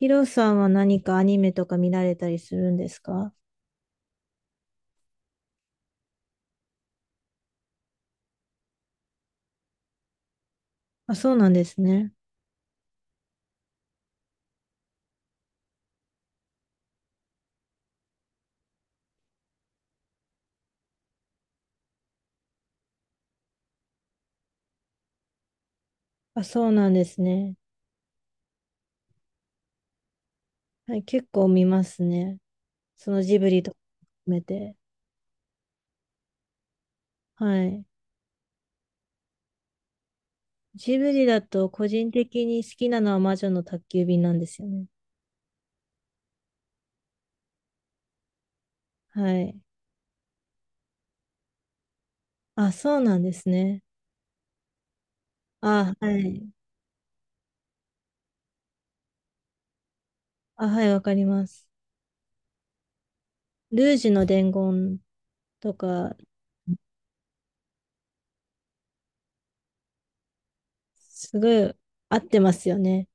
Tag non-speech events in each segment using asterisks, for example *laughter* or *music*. ヒロさんは何かアニメとか見られたりするんですか？あ、そうなんですね。あ、そうなんですね。はい、結構見ますね。そのジブリとか含めて。はい。ジブリだと個人的に好きなのは魔女の宅急便なんですよね。はい。あ、そうなんですね。あ、はい。あ、はい、わかります。ルージュの伝言とか、すごい合ってますよね。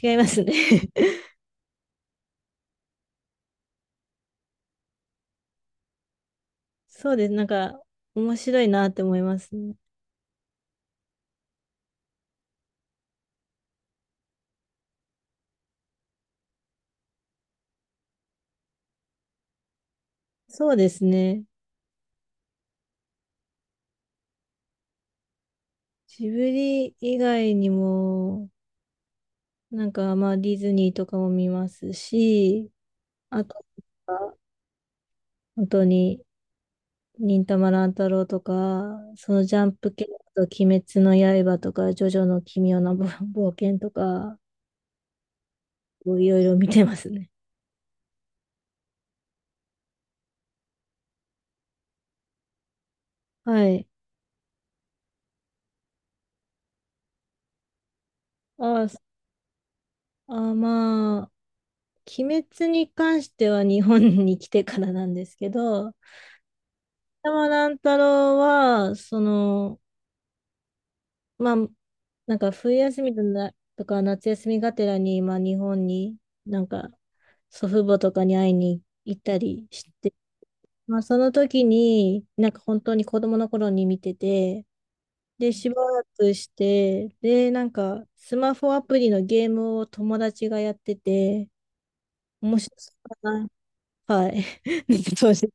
違いますね。*laughs* そうです。面白いなって思いますね。そうですね。ジブリ以外にも、まあディズニーとかも見ますし、あとは本当に忍たま乱太郎とか、そのジャンプ系だと鬼滅の刃とか、ジョジョの奇妙な冒険とか、こういろいろ見てますね。はい。あ、そあ、まあ、鬼滅に関しては日本に来てからなんですけど、山乱太郎は、その、まあ、なんか冬休みとな、とか夏休みがてらに今日本になんか祖父母とかに会いに行ったりして、まあその時になんか本当に子供の頃に見てて、でしばらくして、でなんかスマホアプリのゲームを友達がやってて、面白そうだな。はい。 *laughs*。当時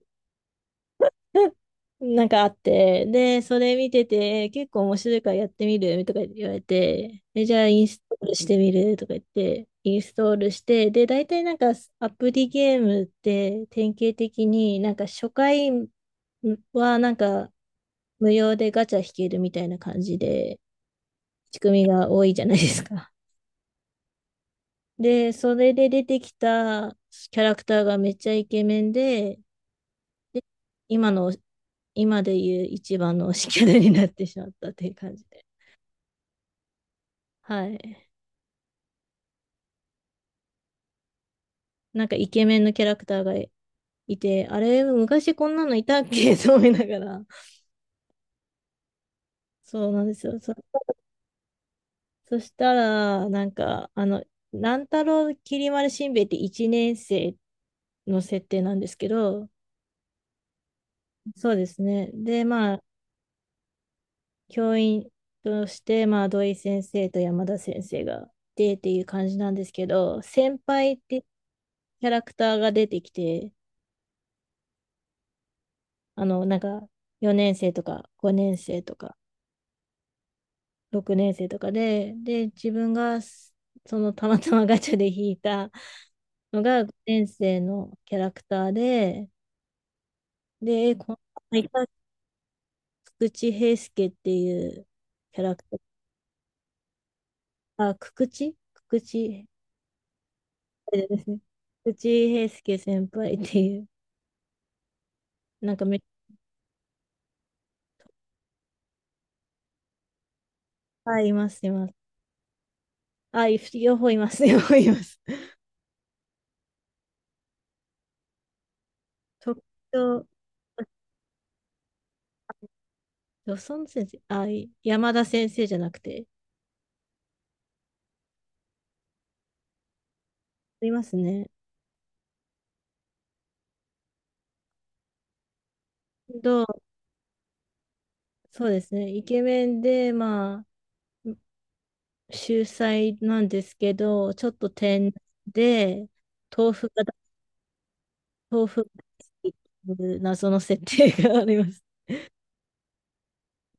*laughs* なんかあって、で、それ見てて、結構面白いからやってみるとか言われて、え、じゃあインストールしてみるとか言って、インストールして、で、大体なんかアプリゲームって典型的になんか初回はなんか無料でガチャ引けるみたいな感じで仕組みが多いじゃないですか。で、それで出てきたキャラクターがめっちゃイケメンで、で、今の、今でいう一番の推しキャラになってしまったっていう感じで。はい。なんかイケメンのキャラクターがいて、あれ、昔こんなのいたっけと思いながら。そうなんですよ。そしたら、なんか、あの、乱太郎きり丸しんべヱって1年生の設定なんですけど、そうですね。で、まあ、教員として、まあ、土井先生と山田先生が出てっていう感じなんですけど、先輩ってキャラクターが出てきて、あの、なんか、4年生とか5年生とか6年生とかで、で、自分がそのたまたまガチャで引いたのが5年生のキャラクターで、で、この間、菊池平介っていうキャラクター、あ、久々知池菊池輩ですね。内井平介先輩っていう、なんかめっちゃ、あいます、います。あ、い、両方います、*laughs* 両方います。特徴、ドソン先生、山田先生じゃなくて、いますね。どう、そうですね。イケメンで、まあ、秀才なんですけど、ちょっと天然で、豆腐が、豆腐が好きっていう謎の設定があります。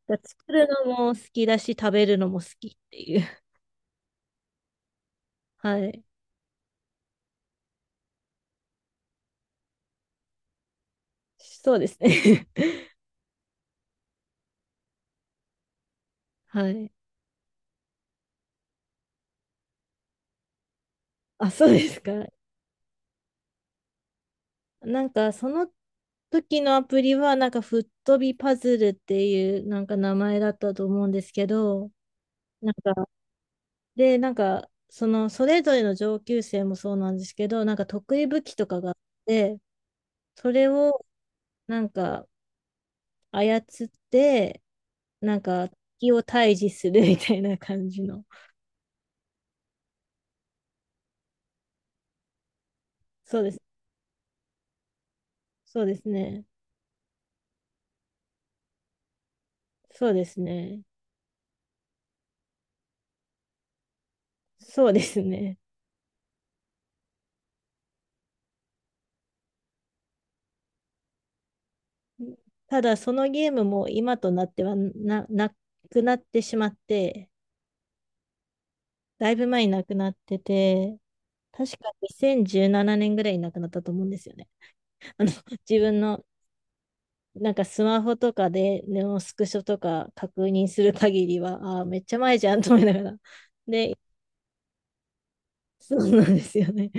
だから作るのも好きだし、食べるのも好きっていう。はい。そうですね。*laughs* はい。あ、そうですか。なんか、その時のアプリは、なんか、吹っ飛びパズルっていう、なんか名前だったと思うんですけど、なんか、で、なんか、その、それぞれの上級生もそうなんですけど、なんか、得意武器とかがあって、それを、なんか、操って、なんか、敵を退治する *laughs* みたいな感じの。そうです。そうですね。そうですね。そうですね。ただそのゲームも今となってはなくなってしまって、だいぶ前になくなってて、確か2017年ぐらいになくなったと思うんですよね。*laughs* あの、自分のなんかスマホとかでネオスクショとか確認する限りは、ああめっちゃ前じゃんと思いながら。*laughs* で、そうなんですよね。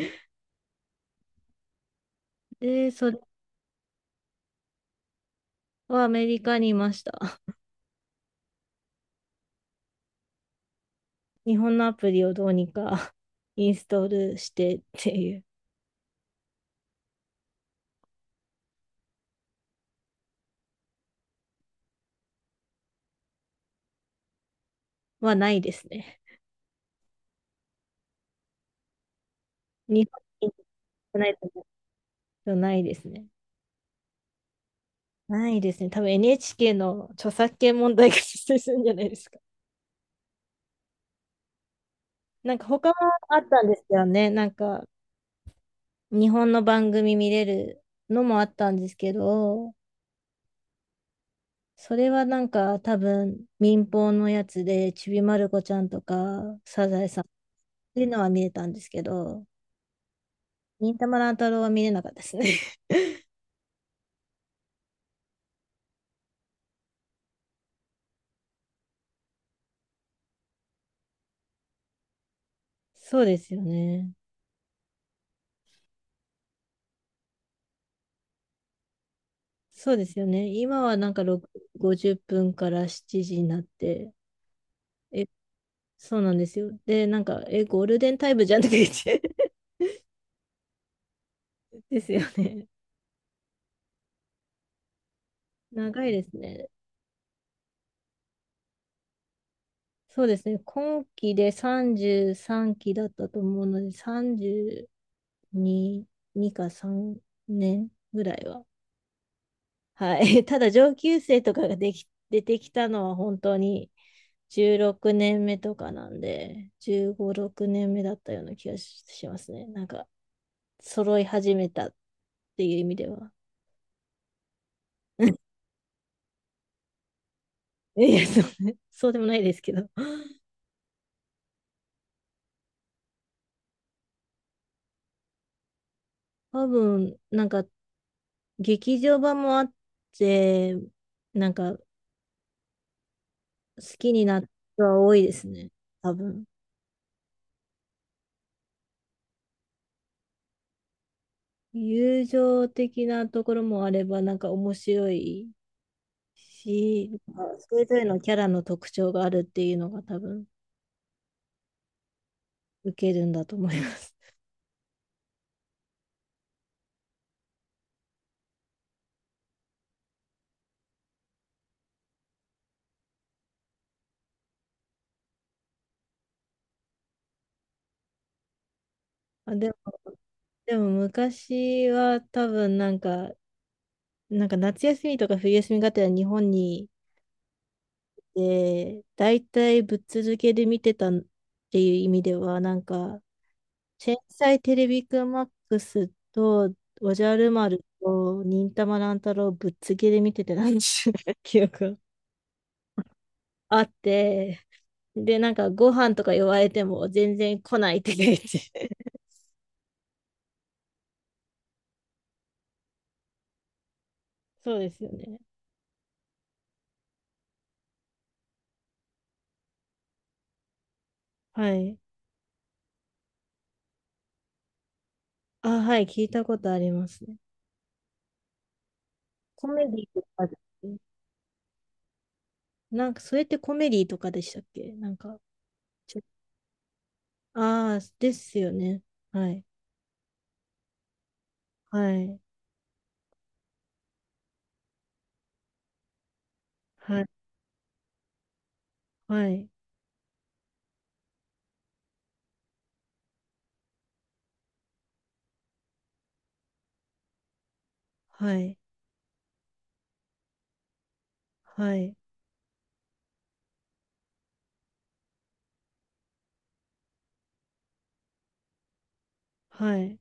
で、それはアメリカにいました。*laughs* 日本のアプリをどうにか *laughs* インストールしてっていうはないですね。日本に行かないとないですね。ないですね。多分 NHK の著作権問題が発生するんじゃないですか。*laughs* なんか他もあったんですけどね。なんか日本の番組見れるのもあったんですけど、それはなんか多分民放のやつでちびまる子ちゃんとかサザエさんっていうのは見れたんですけど、忍たま乱太郎は見れなかったですね。*laughs* そうですよね。そうですよね。今はなんか6 50分から7時になって、え、そうなんですよ。で、なんか、え、ゴールデンタイムじゃんく言って。 *laughs* ですよね。長いですね。そうですね。今期で33期だったと思うので、32、2か3年ぐらいは。はい。*laughs* ただ、上級生とかができ、出てきたのは本当に16年目とかなんで、15、6年目だったような気がしますね。なんか、揃い始めたっていう意味では。*laughs* いや、そうね、*laughs* そうでもないですけど。*laughs* 多分、なんか、劇場版もあって、なんか、好きになった人は多いですね。多分。友情的なところもあれば、なんか面白いし、なんかそれぞれのキャラの特徴があるっていうのが多分、受けるんだと思います。*laughs* あ、でも、でも昔は多分なんか、なんか夏休みとか冬休みがてら日本にで、大体ぶっ続けで見てたっていう意味では、なんか、天才テレビくんマックスと、おじゃる丸と、忍たま乱太郎ぶっ続けで見ててなんちゅう記憶があって、で、なんかご飯とか言われても全然来ないって言って。*laughs* そうですよね。はい。あ、はい、聞いたことありますね。コメディとかで、なんかそれってコメディとかでしたっけ、なんか、ちょ、ああ、ですよね。はい。はい、はい、はい、はい、はい、はい。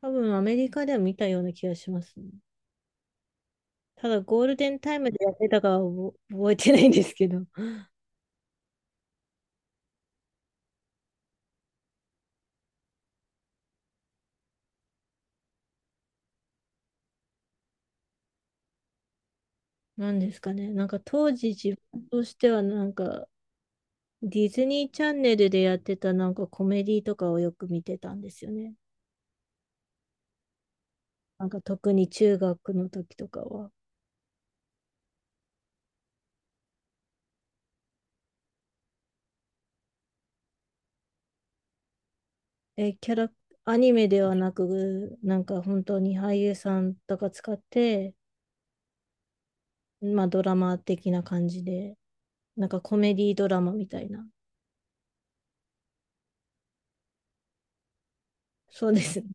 多分アメリカでは見たような気がしますね。ただゴールデンタイムでやってたかは覚えてないんですけど。*laughs* なんですかね。なんか当時自分としてはなんかディズニーチャンネルでやってたなんかコメディとかをよく見てたんですよね。なんか特に中学の時とかは。え、キャラ、アニメではなく、なんか本当に俳優さんとか使って、まあドラマ的な感じで。なんかコメディードラマみたいな。そうですね